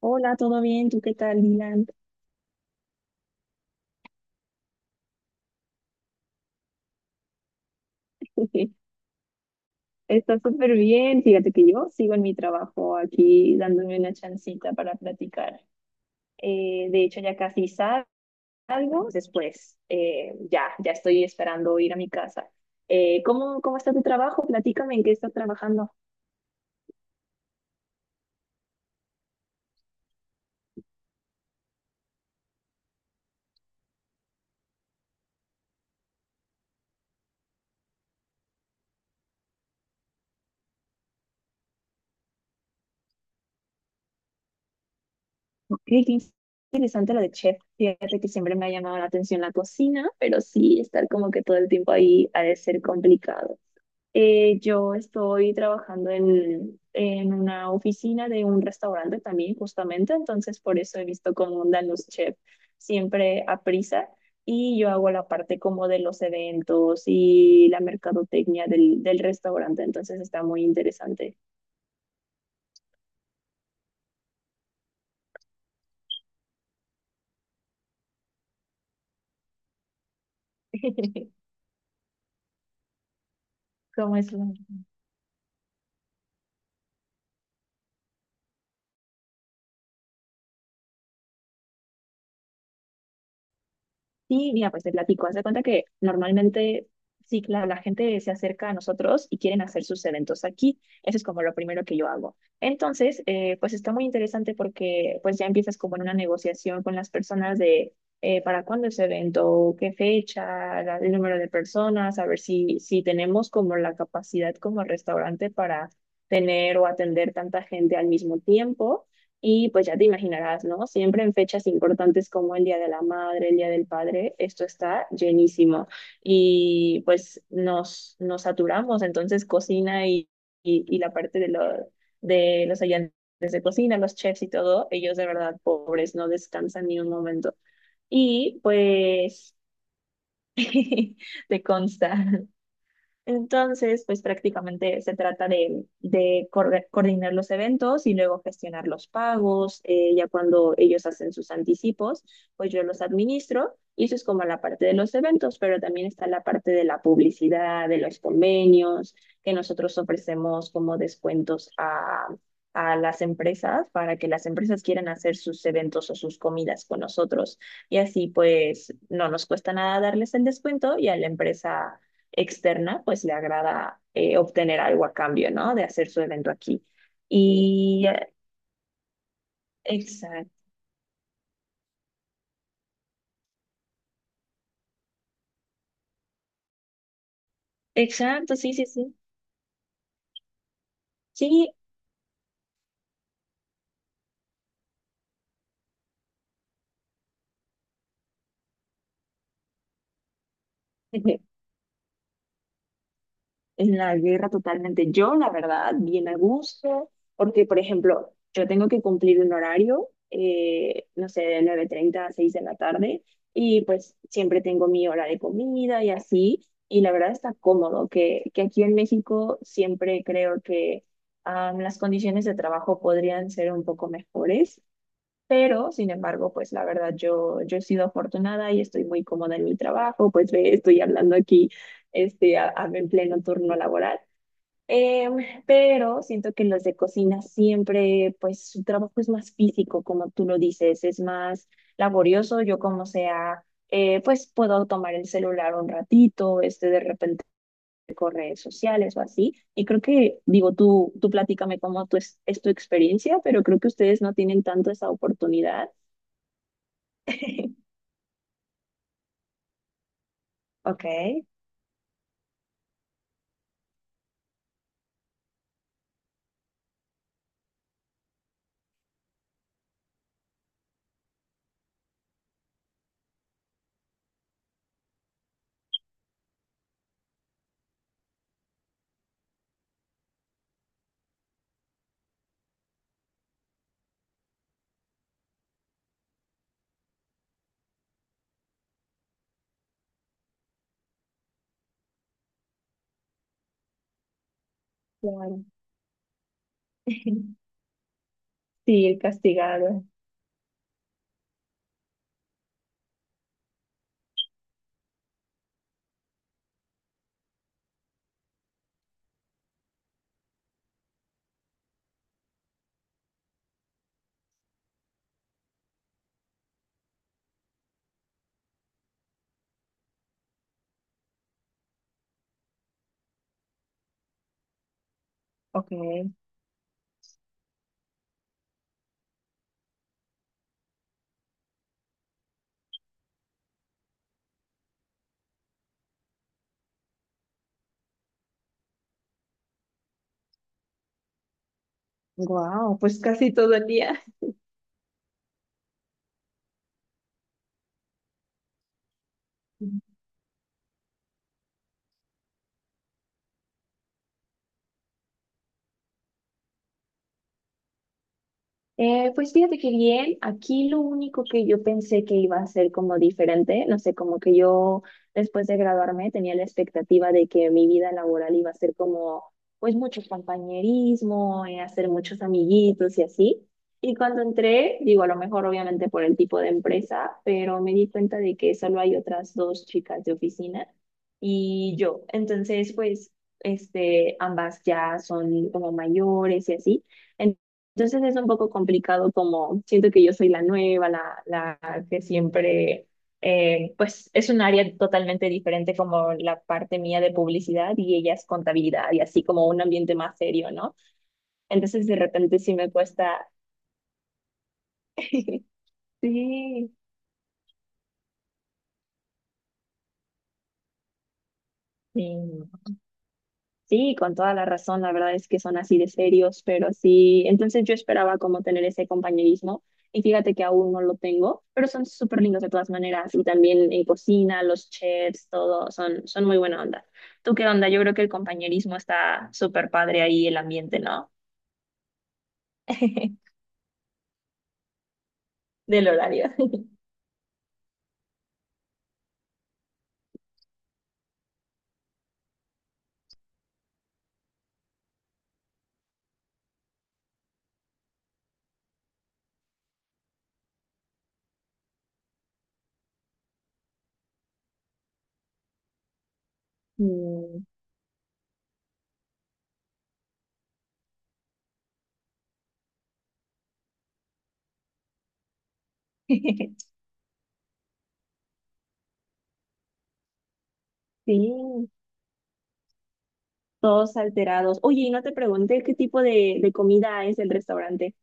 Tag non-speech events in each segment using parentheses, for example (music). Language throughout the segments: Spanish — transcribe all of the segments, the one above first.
Hola, ¿todo bien? ¿Tú qué tal, Dylan? (laughs) Está súper bien. Fíjate que yo sigo en mi trabajo aquí dándome una chancita para platicar. De hecho, ya casi salgo. Después, ya estoy esperando ir a mi casa. ¿Cómo está tu trabajo? Platícame en qué estás trabajando. Ok, qué interesante lo de chef. Fíjate que siempre me ha llamado la atención la cocina, pero sí, estar como que todo el tiempo ahí ha de ser complicado. Yo estoy trabajando en una oficina de un restaurante también, justamente, entonces por eso he visto cómo andan los chefs siempre a prisa y yo hago la parte como de los eventos y la mercadotecnia del restaurante, entonces está muy interesante. (laughs) ¿Cómo es? Sí, mira, pues te platico. Haz de cuenta que normalmente, sí, claro, la gente se acerca a nosotros y quieren hacer sus eventos aquí. Eso es como lo primero que yo hago. Entonces, pues está muy interesante porque pues ya empiezas como en una negociación con las personas de para cuándo es evento, qué fecha, el número de personas, a ver si tenemos como la capacidad como restaurante para tener o atender tanta gente al mismo tiempo. Y pues ya te imaginarás, ¿no? Siempre en fechas importantes como el Día de la Madre, el Día del Padre, esto está llenísimo. Y pues nos saturamos, entonces cocina y la parte de los ayudantes de cocina, los chefs y todo, ellos de verdad pobres, no descansan ni un momento. Y pues (laughs) te consta. Entonces, pues prácticamente se trata de coordinar los eventos y luego gestionar los pagos. Ya cuando ellos hacen sus anticipos, pues yo los administro y eso es como la parte de los eventos, pero también está la parte de la publicidad, de los convenios, que nosotros ofrecemos como descuentos a las empresas para que las empresas quieran hacer sus eventos o sus comidas con nosotros. Y así pues no nos cuesta nada darles el descuento y a la empresa externa, pues le agrada obtener algo a cambio, ¿no? De hacer su evento aquí. Y exacto, exacto, sí, sí, sí. Sí, (laughs) en la guerra totalmente. Yo, la verdad, bien a gusto, porque, por ejemplo, yo tengo que cumplir un horario, no sé, de 9:30 a 6 de la tarde, y pues siempre tengo mi hora de comida y así, y la verdad está cómodo, que aquí en México siempre creo que las condiciones de trabajo podrían ser un poco mejores, pero, sin embargo, pues la verdad yo he sido afortunada y estoy muy cómoda en mi trabajo, pues ve, estoy hablando aquí en pleno turno laboral. Em, pero siento que los de cocina siempre, pues su trabajo es más físico, como tú lo dices, es más laborioso. Yo como sea, pues puedo tomar el celular un ratito, de repente con redes sociales o así. Y creo que, digo, tú platícame cómo tú es tu experiencia, pero creo que ustedes no tienen tanto esa oportunidad. Ok, claro. (laughs) Sí, el castigado. Ok, wow, pues casi todo el día. Pues fíjate que bien, aquí lo único que yo pensé que iba a ser como diferente, no sé, como que yo después de graduarme tenía la expectativa de que mi vida laboral iba a ser como, pues mucho compañerismo, hacer muchos amiguitos y así. Y cuando entré, digo, a lo mejor obviamente por el tipo de empresa, pero me di cuenta de que solo hay otras dos chicas de oficina y yo. Entonces, pues, ambas ya son como mayores y así. Entonces es un poco complicado como siento que yo soy la nueva, la que siempre, pues es un área totalmente diferente como la parte mía de publicidad y ella es contabilidad y así como un ambiente más serio, ¿no? Entonces de repente sí me cuesta. (laughs) Sí, sí. Sí, con toda la razón, la verdad es que son así de serios, pero sí, entonces yo esperaba como tener ese compañerismo y fíjate que aún no lo tengo, pero son súper lindos de todas maneras y también en cocina, los chefs, todo, son muy buena onda. ¿Tú qué onda? Yo creo que el compañerismo está súper padre ahí, el ambiente, ¿no? (laughs) Del horario. (laughs) Mm. (laughs) Sí, todos alterados. Oye, y no te pregunté qué tipo de comida es el restaurante.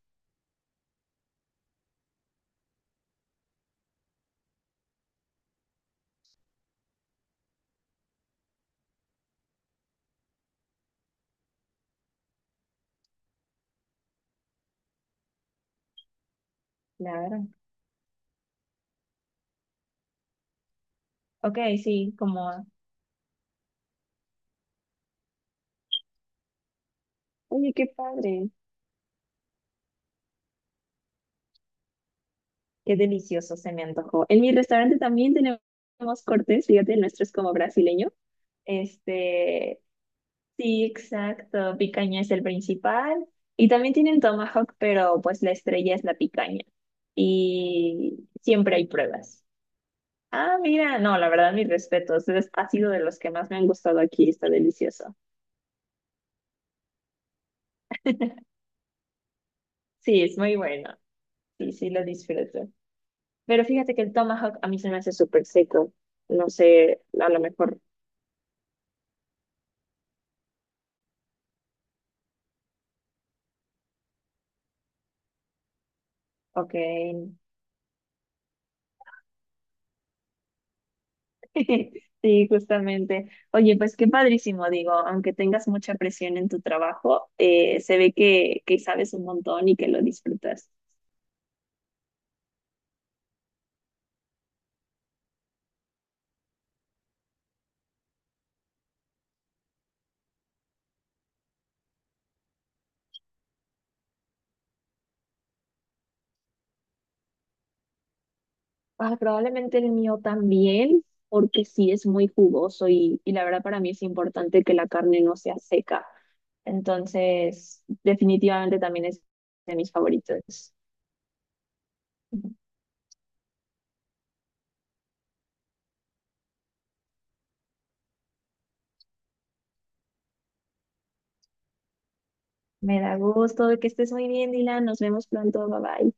Claro. Ok, sí, como... Oye, qué padre. Qué delicioso se me antojó. En mi restaurante también tenemos cortes, fíjate, el nuestro es como brasileño. Este, sí, exacto, picaña es el principal. Y también tienen tomahawk, pero pues la estrella es la picaña. Y siempre hay pruebas. Ah, mira, no, la verdad, mis respetos. Ha sido de los que más me han gustado aquí, está delicioso. Sí, es muy bueno. Sí, sí, lo disfruto. Pero fíjate que el tomahawk a mí se me hace súper seco. No sé, a lo mejor, ok. (laughs) Sí, justamente. Oye, pues qué padrísimo, digo, aunque tengas mucha presión en tu trabajo, se ve que, sabes un montón y que lo disfrutas. Ah, probablemente el mío también, porque sí es muy jugoso y la verdad para mí es importante que la carne no sea seca. Entonces, definitivamente también es de mis favoritos. Me da gusto de que estés muy bien, Dylan. Nos vemos pronto. Bye bye.